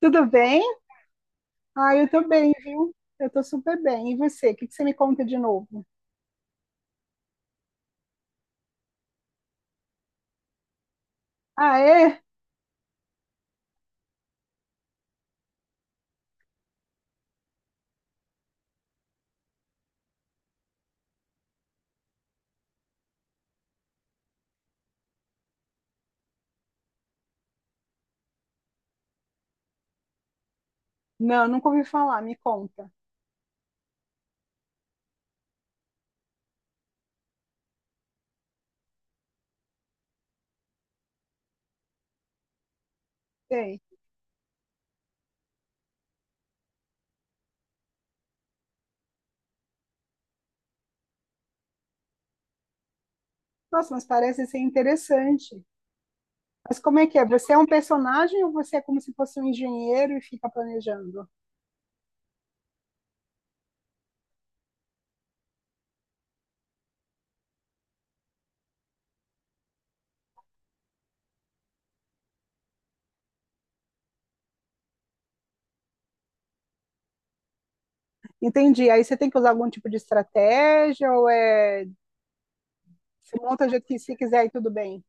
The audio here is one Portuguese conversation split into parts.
Tudo bem? Ah, eu tô bem, viu? Eu tô super bem. E você? O que que você me conta de novo? Ah, é? Não, nunca ouvi falar. Me conta. Sei. Nossa, mas parece ser interessante. Mas como é que é? Você é um personagem ou você é como se fosse um engenheiro e fica planejando? Entendi. Aí você tem que usar algum tipo de estratégia ou é se monta do jeito que você quiser e tudo bem?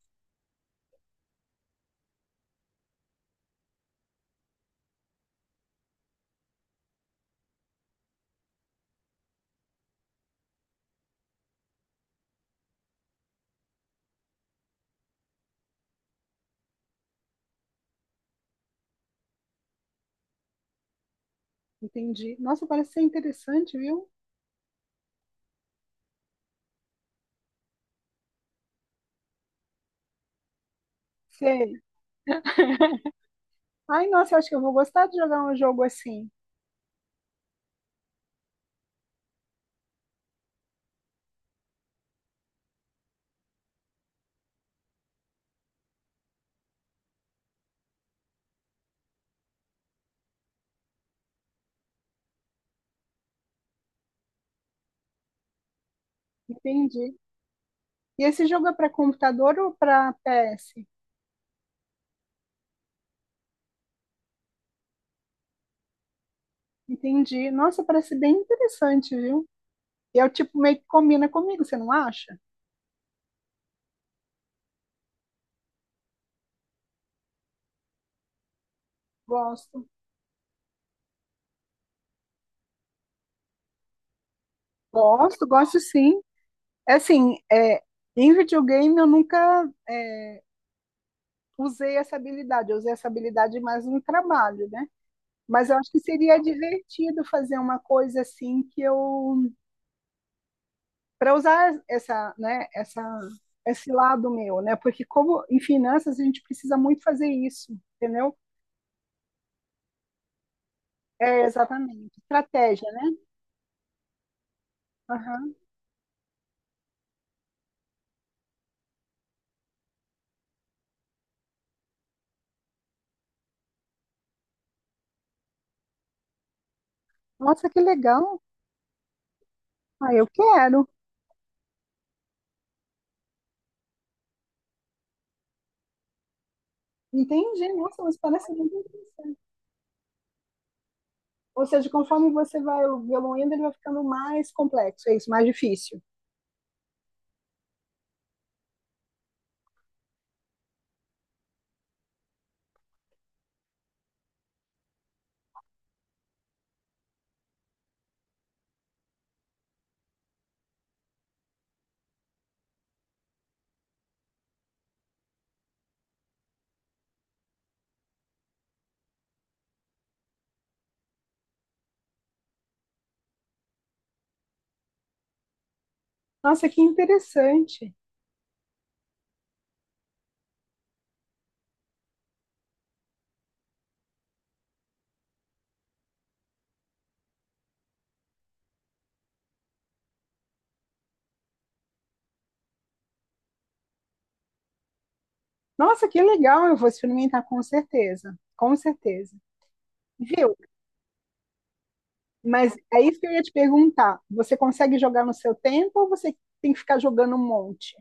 Entendi. Nossa, parece ser interessante, viu? Sei. Ai, nossa, eu acho que eu vou gostar de jogar um jogo assim. Entendi. E esse jogo é para computador ou para PS? Entendi. Nossa, parece bem interessante, viu? E é o tipo meio que combina comigo, você não acha? Gosto. Gosto, gosto sim. É assim, em videogame eu nunca usei essa habilidade. Eu usei essa habilidade mais no trabalho, né? Mas eu acho que seria divertido fazer uma coisa assim que eu para usar essa, né, essa esse lado meu, né? Porque como em finanças a gente precisa muito fazer isso, entendeu? É, exatamente. Estratégia, né? Aham. Nossa, que legal. Ah, eu quero. Entendi. Nossa, mas parece muito interessante. Ou seja, conforme você vai evoluindo, ele vai ficando mais complexo, é isso, mais difícil. Nossa, que interessante. Nossa, que legal. Eu vou experimentar com certeza. Com certeza. Viu? Mas é isso que eu ia te perguntar. Você consegue jogar no seu tempo ou você tem que ficar jogando um monte?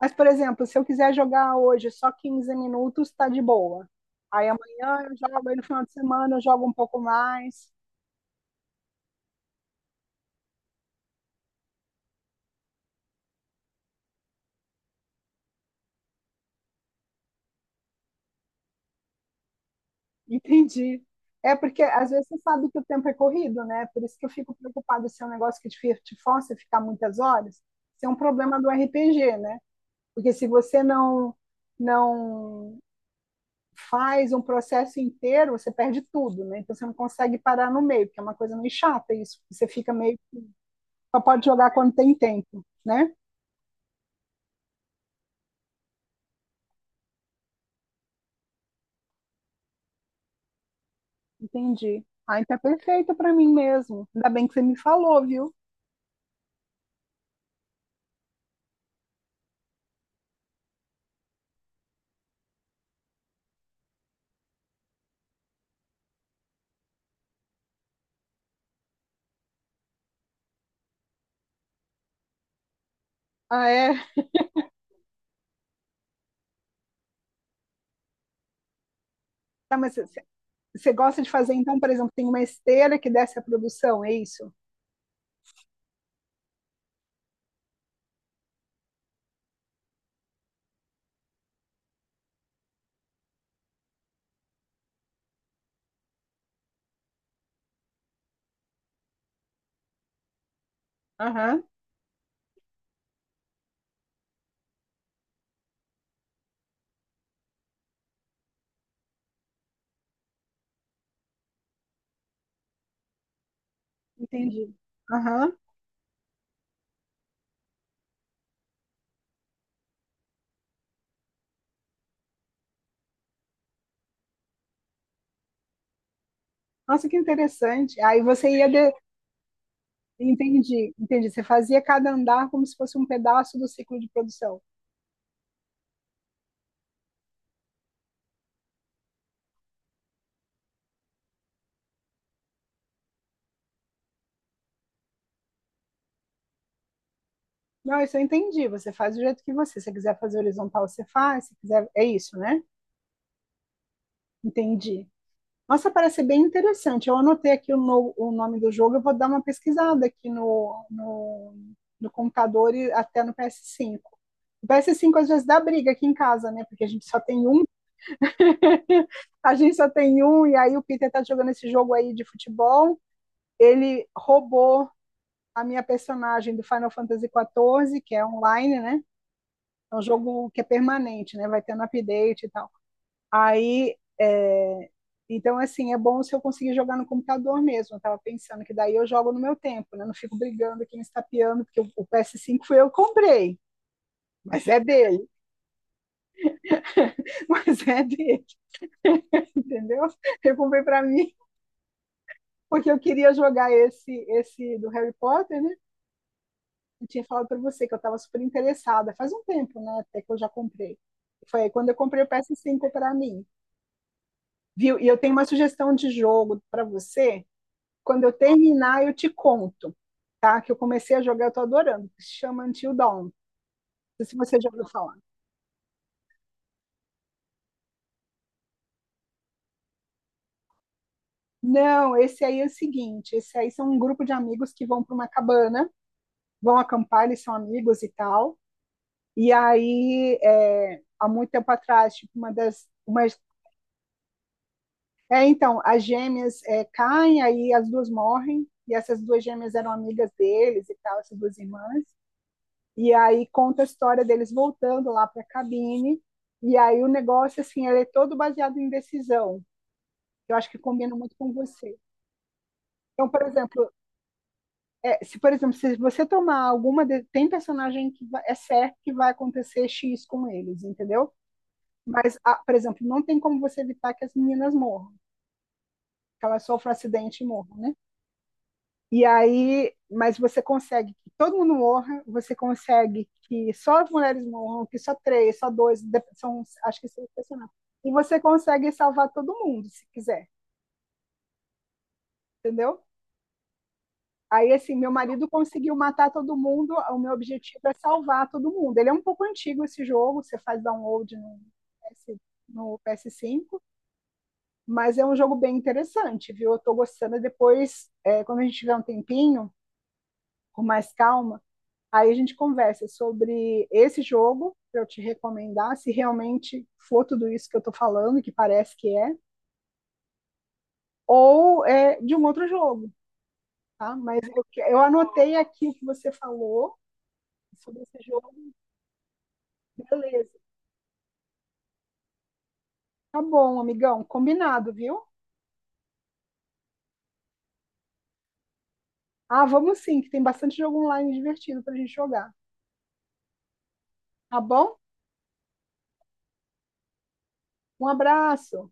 Mas, por exemplo, se eu quiser jogar hoje só 15 minutos, tá de boa. Aí amanhã eu jogo, aí no final de semana eu jogo um pouco mais. Entendi. É porque às vezes você sabe que o tempo é corrido, né? Por isso que eu fico preocupada se é um negócio que te força a ficar muitas horas, se é um problema do RPG, né? Porque se você não faz um processo inteiro, você perde tudo, né? Então você não consegue parar no meio, porque é uma coisa meio chata isso. Você fica meio só pode jogar quando tem tempo, né? Entendi. Ah, então é perfeito pra mim mesmo. Ainda bem que você me falou, viu? Ah, é? Tá, mas você gosta de fazer, então, por exemplo, tem uma esteira que desce a produção, é isso? Aham, entendi. Aham. Nossa, que interessante. Aí você ia de... Entendi, entendi. Você fazia cada andar como se fosse um pedaço do ciclo de produção. Não, isso eu entendi. Você faz do jeito que você. Se você quiser fazer horizontal, você faz. Se quiser, é isso, né? Entendi. Nossa, parece bem interessante. Eu anotei aqui o, no- o nome do jogo, eu vou dar uma pesquisada aqui no computador e até no PS5. O PS5 às vezes dá briga aqui em casa, né? Porque a gente só tem um, e aí o Peter tá jogando esse jogo aí de futebol. Ele roubou a minha personagem do Final Fantasy XIV, que é online, né? É um jogo que é permanente, né? Vai tendo update e tal. Aí, é, então, assim, é bom se eu conseguir jogar no computador mesmo. Eu estava pensando que daí eu jogo no meu tempo, né? Não fico brigando aqui, me estapeando, porque o PS5 foi eu que comprei, mas é dele, mas é dele, entendeu? Eu comprei para mim, porque eu queria jogar esse do Harry Potter, né? Eu tinha falado para você que eu estava super interessada, faz um tempo, né? Até que eu já comprei. Foi aí quando eu comprei o PS5 para mim, viu? E eu tenho uma sugestão de jogo para você. Quando eu terminar, eu te conto, tá? Que eu comecei a jogar, eu tô adorando. Se chama Until Dawn. Não sei se você já ouviu falar. Não, esse aí é o seguinte, esse aí são um grupo de amigos que vão para uma cabana, vão acampar, eles são amigos e tal. E aí, é, há muito tempo atrás, tipo, uma das, uma, é, então, as gêmeas caem, aí as duas morrem, e essas duas gêmeas eram amigas deles e tal, essas duas irmãs. E aí conta a história deles voltando lá para a cabine. E aí o negócio, assim, ele é todo baseado em decisão. Eu acho que combina muito com você. Então, por exemplo, se você tomar tem personagem é certo que vai acontecer X com eles, entendeu? Mas, ah, por exemplo, não tem como você evitar que as meninas morram, que elas sofram acidente e morram, né? E aí, mas você consegue que todo mundo morra, você consegue que só as mulheres morram, que só três, só dois, de- são, acho que são impressionantes. E você consegue salvar todo mundo, se quiser, entendeu? Aí, assim, meu marido conseguiu matar todo mundo, o meu objetivo é salvar todo mundo. Ele é um pouco antigo esse jogo, você faz download PS, no PS5, mas é um jogo bem interessante, viu? Eu tô gostando. Depois, é, quando a gente tiver um tempinho, com mais calma, aí a gente conversa sobre esse jogo, para eu te recomendar, se realmente for tudo isso que eu estou falando, que parece que é, ou é de um outro jogo, tá? Mas eu anotei aqui o que você falou sobre esse jogo, beleza. Tá bom, amigão, combinado, viu? Ah, vamos sim, que tem bastante jogo online divertido para a gente jogar. Tá bom? Um abraço!